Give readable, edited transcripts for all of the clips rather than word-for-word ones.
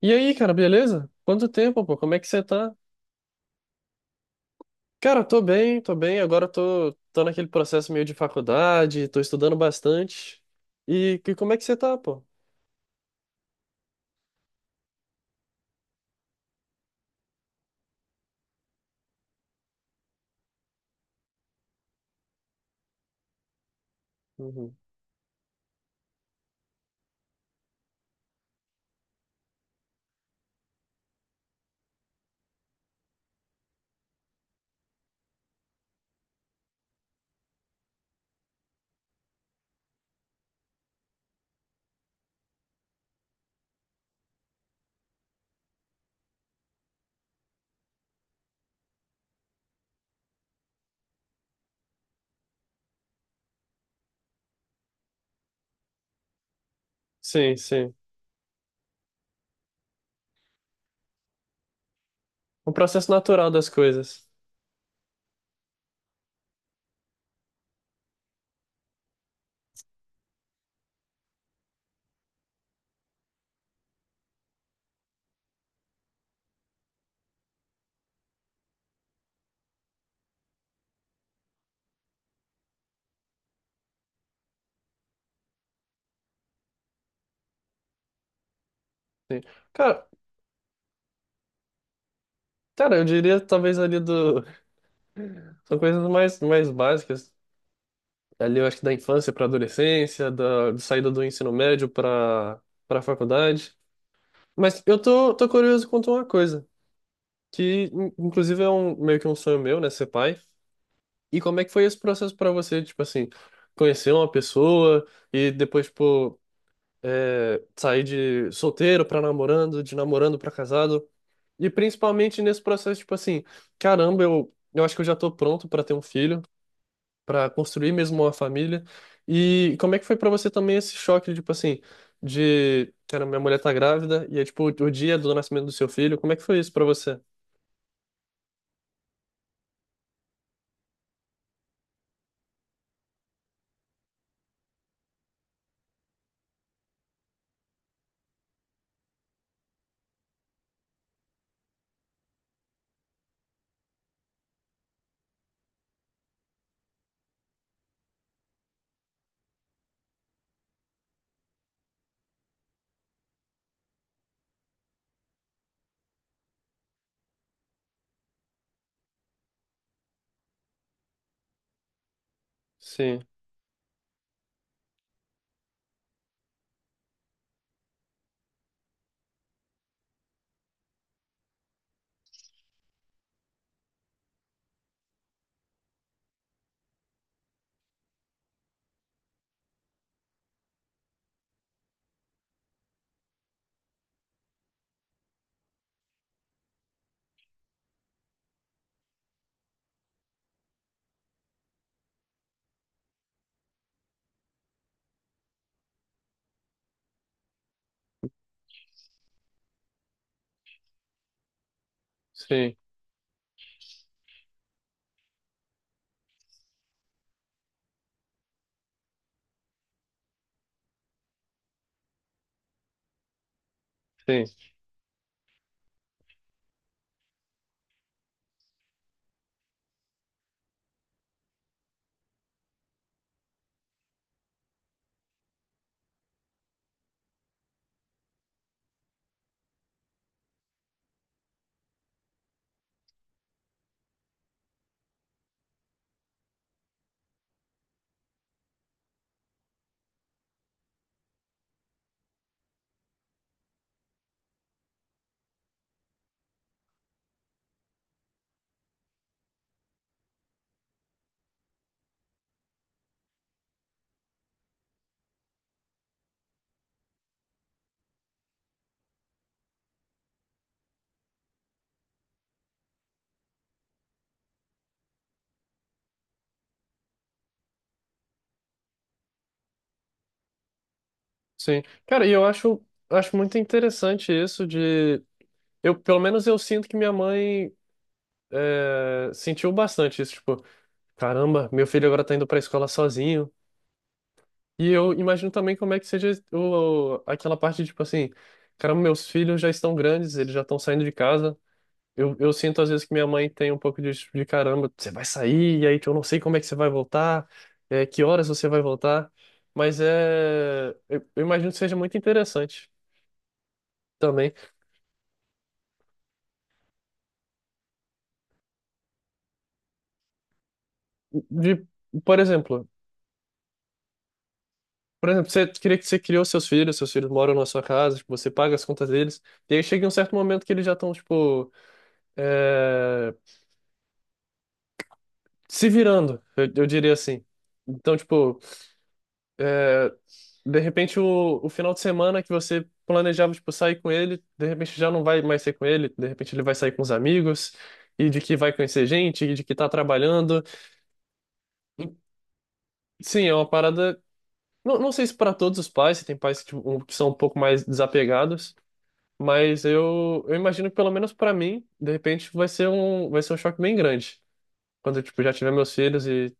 E aí, cara, beleza? Quanto tempo, pô? Como é que você tá? Cara, tô bem, tô bem. Agora tô naquele processo meio de faculdade, tô estudando bastante. Como é que você tá, pô? Uhum. Sim, sim. O processo natural das coisas. Cara, cara, eu diria talvez ali do... São coisas mais básicas. Ali eu acho que da infância pra adolescência, da de saída do ensino médio pra faculdade. Mas eu tô curioso quanto a uma coisa, que inclusive é um, meio que um sonho meu, né, ser pai. E como é que foi esse processo pra você, tipo assim, conhecer uma pessoa e depois, tipo, sair de solteiro pra namorando, de namorando pra casado? E principalmente nesse processo, tipo assim, caramba, eu acho que eu já tô pronto pra ter um filho, pra construir mesmo uma família. E como é que foi pra você também esse choque, tipo assim, de, cara, minha mulher tá grávida e é tipo o dia do nascimento do seu filho, como é que foi isso pra você? Sim, sim, sim. Sim. Cara, acho muito interessante isso de. Eu, pelo menos eu sinto que minha mãe sentiu bastante isso. Tipo, caramba, meu filho agora tá indo pra escola sozinho. E eu imagino também como é que seja o, aquela parte, tipo assim, caramba, meus filhos já estão grandes, eles já estão saindo de casa. Eu sinto às vezes que minha mãe tem um pouco disso tipo, de caramba, você vai sair, e aí eu não sei como é que você vai voltar, que horas você vai voltar. Mas é. Eu imagino que seja muito interessante também. De, por exemplo, por exemplo, você queria que você criou seus filhos moram na sua casa, tipo, você paga as contas deles, e aí chega um certo momento que eles já estão, tipo, é, se virando, eu diria assim. Então, tipo, é, de repente o final de semana que você planejava, tipo, sair com ele, de repente já não vai mais ser com ele, de repente ele vai sair com os amigos, e de que vai conhecer gente, e de que tá trabalhando. Sim, é uma parada. Não, não sei se para todos os pais, se tem pais que, tipo, que são um pouco mais desapegados. Mas eu imagino que pelo menos pra mim, de repente, vai ser vai ser um choque bem grande. Quando eu, tipo, já tiver meus filhos e.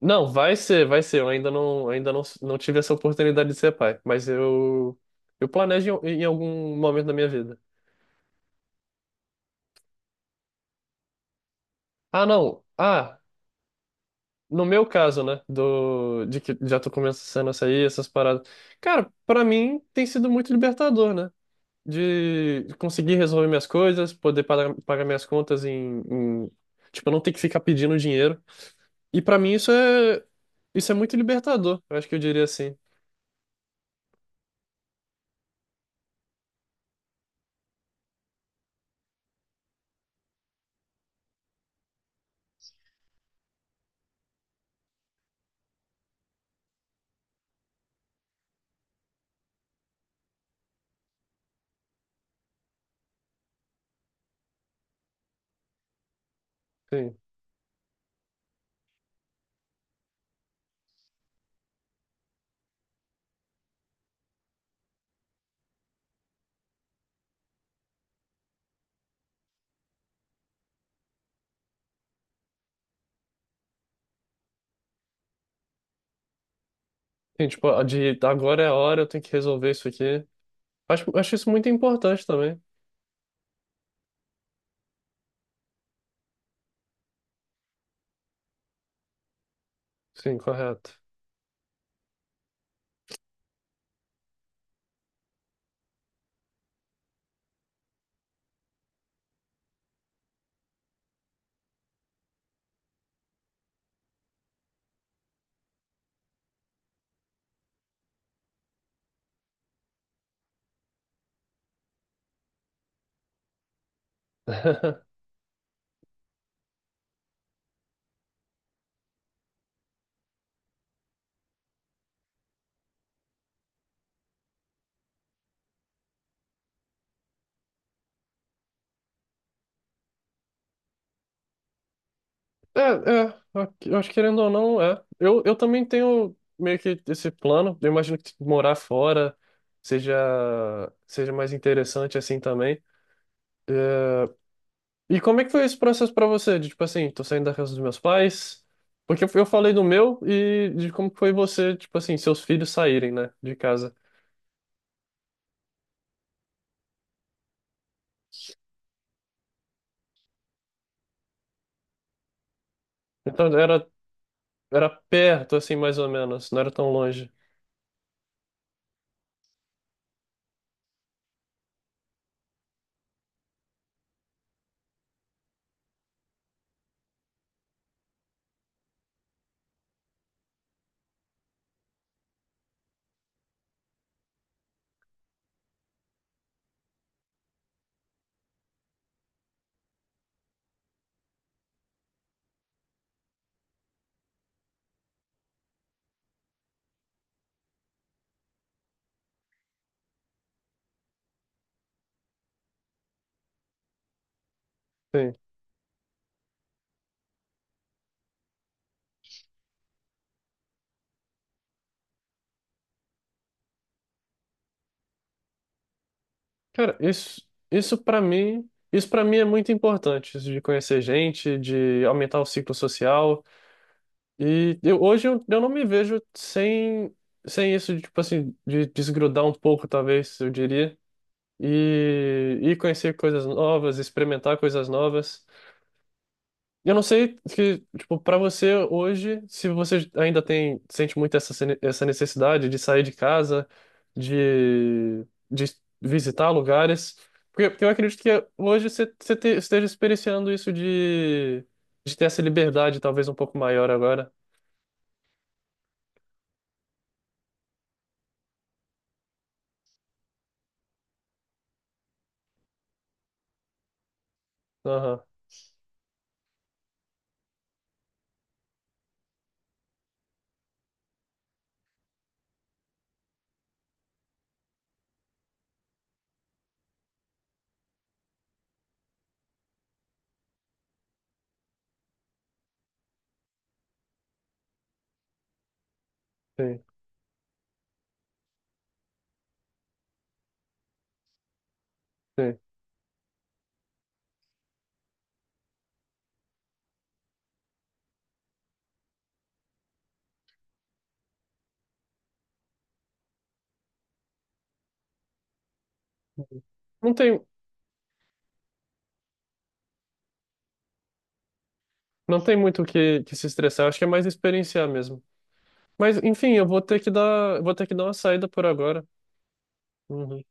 Não, vai ser, vai ser. Eu ainda não tive essa oportunidade de ser pai. Mas eu planejo em algum momento da minha vida. Ah, não. Ah, no meu caso, né? Do, de que já tô começando a sair, essas paradas. Cara, pra mim tem sido muito libertador, né? De conseguir resolver minhas coisas, pagar minhas contas em. Tipo, eu não ter que ficar pedindo dinheiro. E pra mim isso é muito libertador. Eu acho que eu diria assim. Sim. Sim, tipo, a de agora é a hora, eu tenho que resolver isso aqui. Acho isso muito importante também. Sim, correto. É, é, eu acho que querendo ou não, é. Eu também tenho meio que esse plano. Eu imagino que morar fora seja, seja mais interessante assim também. É, e como é que foi esse processo pra você? De, tipo assim, tô saindo da casa dos meus pais? Porque eu falei do meu e de como que foi você, tipo assim, seus filhos saírem, né, de casa. Então era perto, assim, mais ou menos, não era tão longe. Sim. Cara, isso para mim é muito importante, isso de conhecer gente, de aumentar o ciclo social. E eu, hoje eu não me vejo sem isso, de, tipo assim, de desgrudar um pouco, talvez, eu diria. E, e conhecer coisas novas, experimentar coisas novas. Eu não sei que, tipo, para você hoje, se você ainda tem, sente muito essa, essa necessidade de sair de casa, de, de visitar lugares, porque eu acredito que hoje você, você esteja experienciando isso de ter essa liberdade talvez um pouco maior agora. Aham, sim, sim. Não tem, não tem muito o que, que se estressar, acho que é mais experienciar mesmo. Mas, enfim, eu vou ter que dar, vou ter que dar uma saída por agora. Uhum.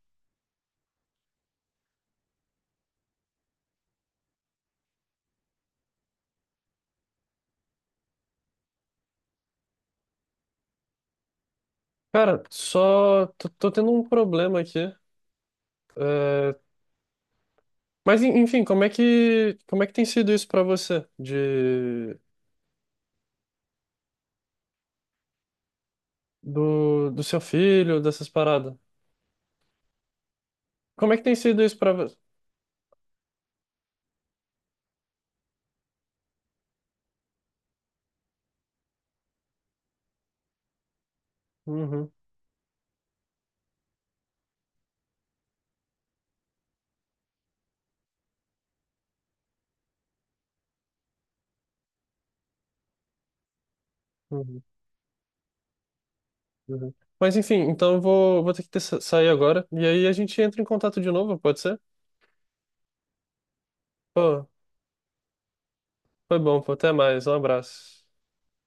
Cara, só tô tendo um problema aqui. É, mas, enfim, como é que tem sido isso pra você? De, do seu filho, dessas paradas? Como é que tem sido isso pra você? Uhum, uhum, uhum. Mas, enfim, então vou ter que sair agora. E aí a gente entra em contato de novo, pode ser? Pô, foi bom, pô. Até mais. Um abraço.